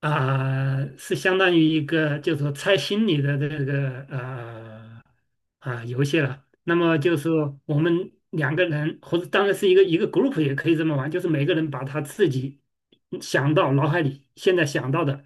是相当于一个就是说猜心理的这个游戏了。那么就是说我们两个人，或者当然是一个一个 group 也可以这么玩，就是每个人把他自己想到脑海里现在想到的，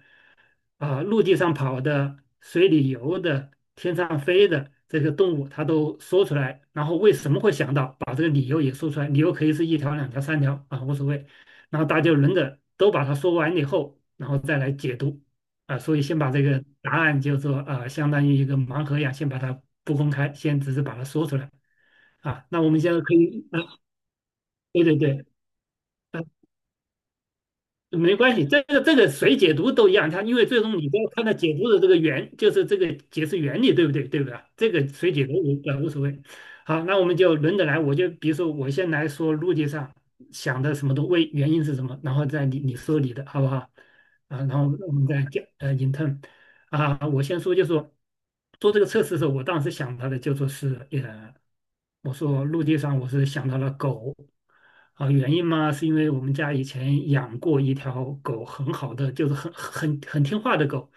陆地上跑的、水里游的、天上飞的这个动物，它都说出来。然后为什么会想到把这个理由也说出来？理由可以是一条、两条、三条啊，无所谓。然后大家轮着都把它说完以后，然后再来解读。所以先把这个答案，就是说啊，相当于一个盲盒一样，先把它不公开，先只是把它说出来。那我们现在可以，对对对。啊没关系，这个谁解读都一样，它因为最终你都要看它解读的这个原，就是这个解释原理，对不对？对不对？这个谁解读无所谓。好，那我们就轮着来，我就比如说我先来说逻辑上想的什么都为原因是什么，然后再你说你的好不好？啊，然后我们再讲in t e r n， 我先说就说做这个测试的时候，我当时想到的就说是。我说陆地上，我是想到了狗，啊，原因嘛，是因为我们家以前养过一条狗，很好的，就是很听话的狗，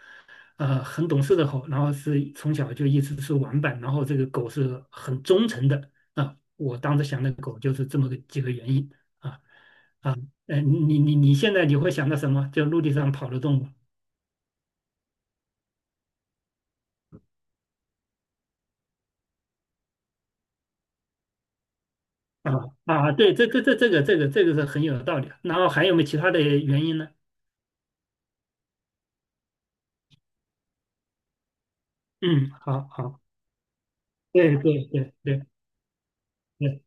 很懂事的狗，然后是从小就一直是玩伴，然后这个狗是很忠诚的，啊，我当时想的狗就是这么个几个原因。啊啊，呃，你你你现在你会想到什么？就陆地上跑的动物。啊对，这个是很有道理的，然后还有没有其他的原因呢？嗯，好好。对对对对对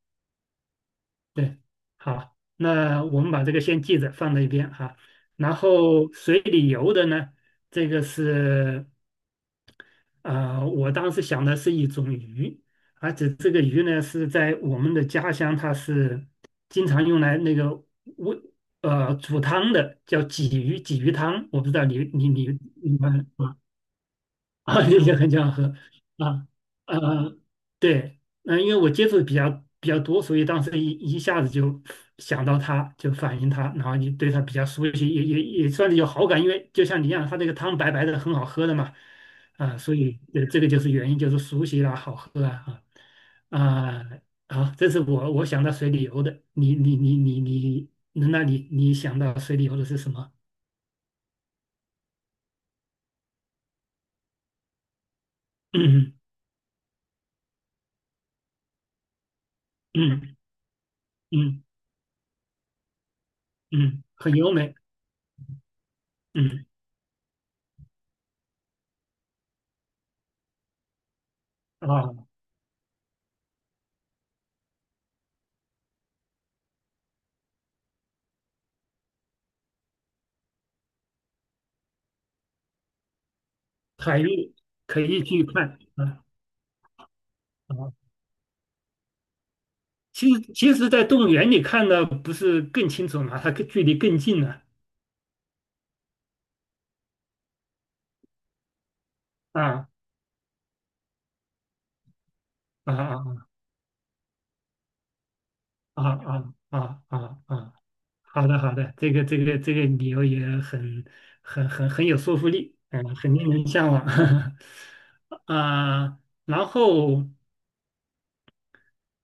对，好，那我们把这个先记着放在一边哈。然后水里游的呢，这个是我当时想的是一种鱼，而且这个鱼呢是在我们的家乡，它是经常用来那个煨煮汤的，叫鲫鱼，鲫鱼汤。我不知道你你们。嗯 啊，也很欢喝啊，呃，因为我接触的比较多，所以当时一下子就想到他，就反映他，然后你对他比较熟悉，也算是有好感，因为就像你一样，他这个汤白白的，很好喝的嘛，所以这个就是原因，就是熟悉啦，好喝啊。啊啊，好，这是我我想到水里游的，你你你你你，那你想到水里游的是什么？嗯嗯嗯嗯，很优美。嗯啊。海域可以去看啊啊！其实其实，在动物园里看的不是更清楚吗？它更距离更近了。啊啊啊啊啊啊啊啊！好的好的，这个这个这个理由也很很有说服力，嗯，很令人向往 啊。然后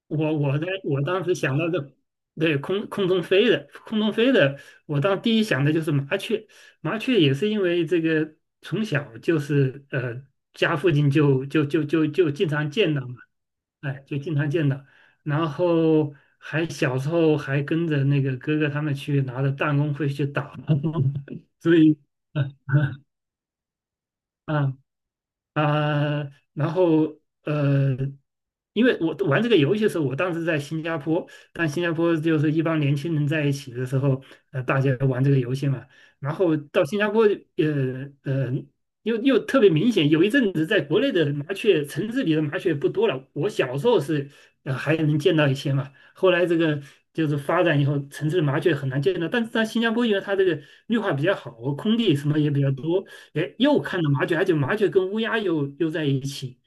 我当时想到的，对空空中飞的，我当第一想的就是麻雀，麻雀也是因为这个从小家附近就经常见到嘛，哎，就经常见到，然后还小时候还跟着那个哥哥他们去拿着弹弓会去打，所以。啊，啊、然后呃，因为我玩这个游戏的时候，我当时在新加坡，但新加坡就是一帮年轻人在一起的时候，大家玩这个游戏嘛。然后到新加坡，呃呃，又又特别明显，有一阵子在国内的麻雀，城市里的麻雀不多了。我小时候是还能见到一些嘛，后来这个就是发展以后，城市的麻雀很难见到。但是在新加坡，因为它这个绿化比较好，空地什么也比较多，哎，又看到麻雀，而且麻雀跟乌鸦又在一起，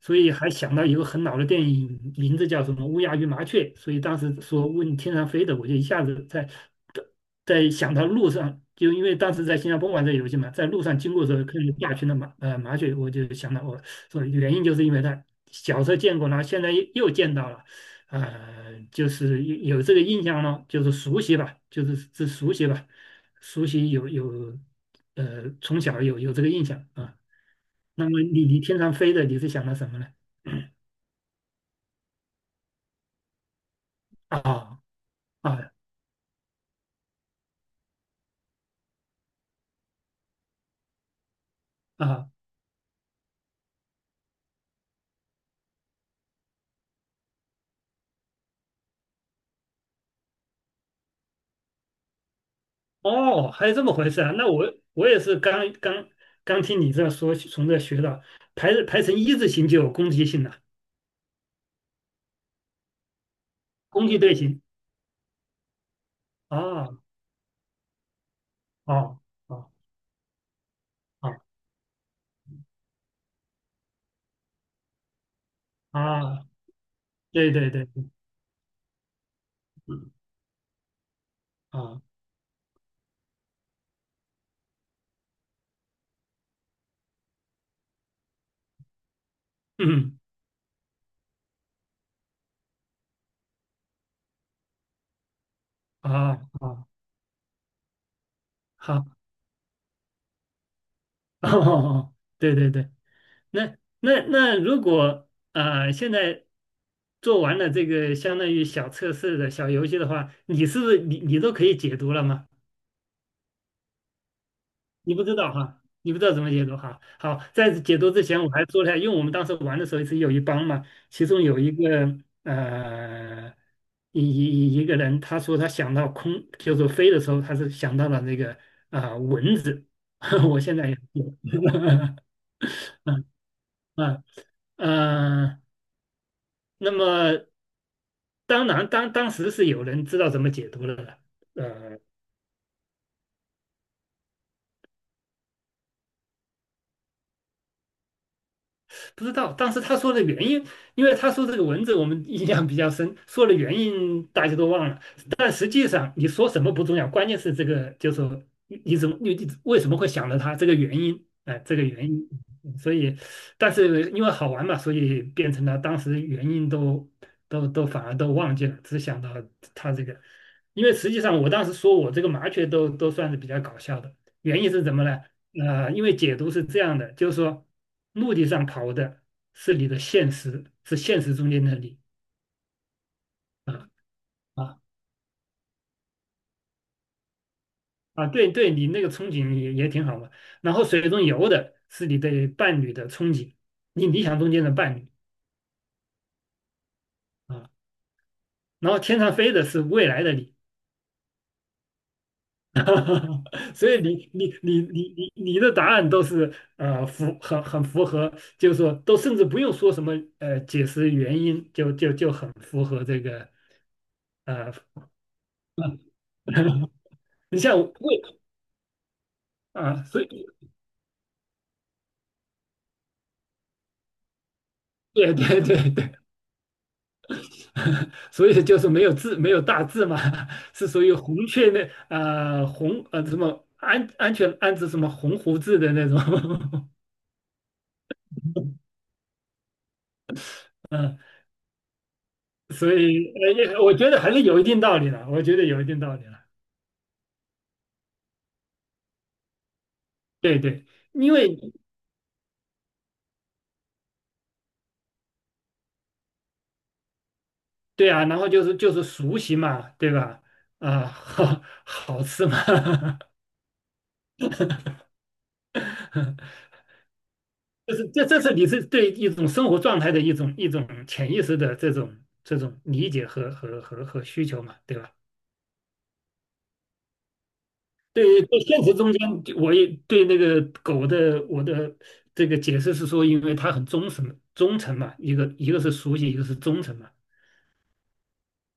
所以还想到一个很老的电影，名字叫什么《乌鸦与麻雀》，所以当时说问天上飞的，我就一下子在在想到路上，就因为当时在新加坡玩这个游戏嘛，在路上经过的时候看见大群的麻雀，我就想到我说原因就是因为它小时候见过，然后现在又见到了。就是有这个印象了，就是熟悉吧，就是是熟悉吧。熟悉有有，呃，从小有这个印象啊。那么你天上飞的，你是想到什么呢？啊啊啊！哦，还有这么回事啊？那我我也是刚刚听你这说，从这学到排排成一字形就有攻击性了，攻击队形。啊啊啊哦啊！对对对。嗯啊嗯啊啊好，哦，对对对。那那那如果现在做完了这个相当于小测试的小游戏的话，你是不是你你都可以解读了吗？你不知道哈，你不知道怎么解读哈。好，在解读之前我还说了一下因为我们当时玩的时候是有一帮嘛，其中有一个呃一个人，他说他想到空，就是飞的时候，他是想到了那个蚊子。我现在也是，啊啊。呃，那么当然，当时是有人知道怎么解读了的。呃，不知道。当时他说的原因，因为他说这个文字我们印象比较深，说的原因大家都忘了。但实际上你说什么不重要，关键是这个，就是说你为什么会想到他这个原因，这个原因。嗯所以，但是因为好玩嘛，所以变成了当时原因都反而都忘记了，只想到他这个。因为实际上我当时说我这个麻雀都算是比较搞笑的。原因是什么呢？因为解读是这样的，就是说，陆地上跑的是你的现实，是现实中间的你。啊啊对对，你那个憧憬也也挺好嘛。然后水中游的是你对伴侣的憧憬，你理想中间的伴侣啊。然后天上飞的是未来的你，所以你的答案都是符很很符合，就是说都甚至不用说什么解释原因，就很符合这个呃。你像胃，啊，所以对对对对，所以就是没有字，没有大字嘛，是属于红雀那红啊什么安置什么红胡子的那种，嗯、所以我觉得还是有一定道理的，我觉得有一定道理了，对对，因为对啊，然后就是熟悉嘛，对吧？好好吃嘛，这是你是对一种生活状态的一种潜意识的这种理解和需求嘛，对吧？对对，在现实中间我也对那个狗的我的这个解释是说，因为它很忠诚嘛，一个一个是熟悉，一个是忠诚嘛，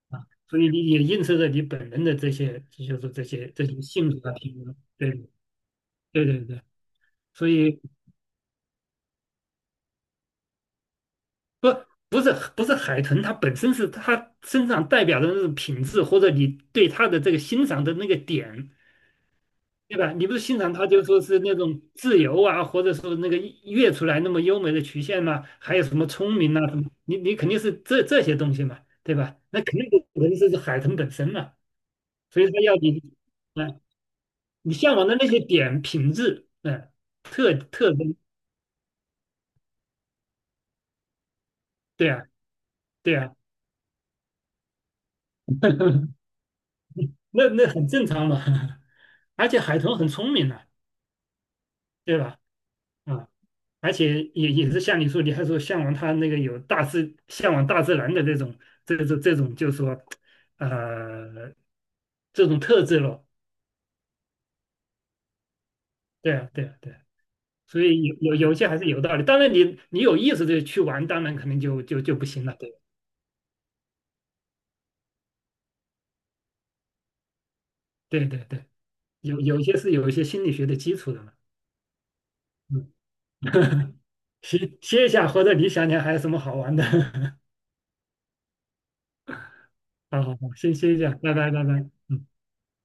啊，所以你也映射着你本人的这些就是这些这些性格啊品格，对对对对对，所以不，不是海豚，它本身是它身上代表的那种品质，或者你对它的这个欣赏的那个点，对吧？你不是欣赏它，就说是那种自由啊，或者说那个跃出来那么优美的曲线嘛，还有什么聪明啊什么，你你肯定是这这些东西嘛，对吧？那肯定不肯定是海豚本身嘛，所以它要你，嗯，你向往的那些点品质，嗯，特征。对啊，对啊，那那很正常嘛，而且海豚很聪明的。对吧？啊，而且也也是像你说，你还说向往他那个有大自向往大自然的这种这种，就是说，呃，这种特质咯。对啊，对啊，对啊，所以有有些还是有道理。当然你，你有意识的去玩，当然可能就就就不行了。对对对对，有有些是有一些心理学的基础的嘛。嗯，歇一下，或者你想想还有什么好玩的？好好好，先歇一下，拜拜拜拜。嗯。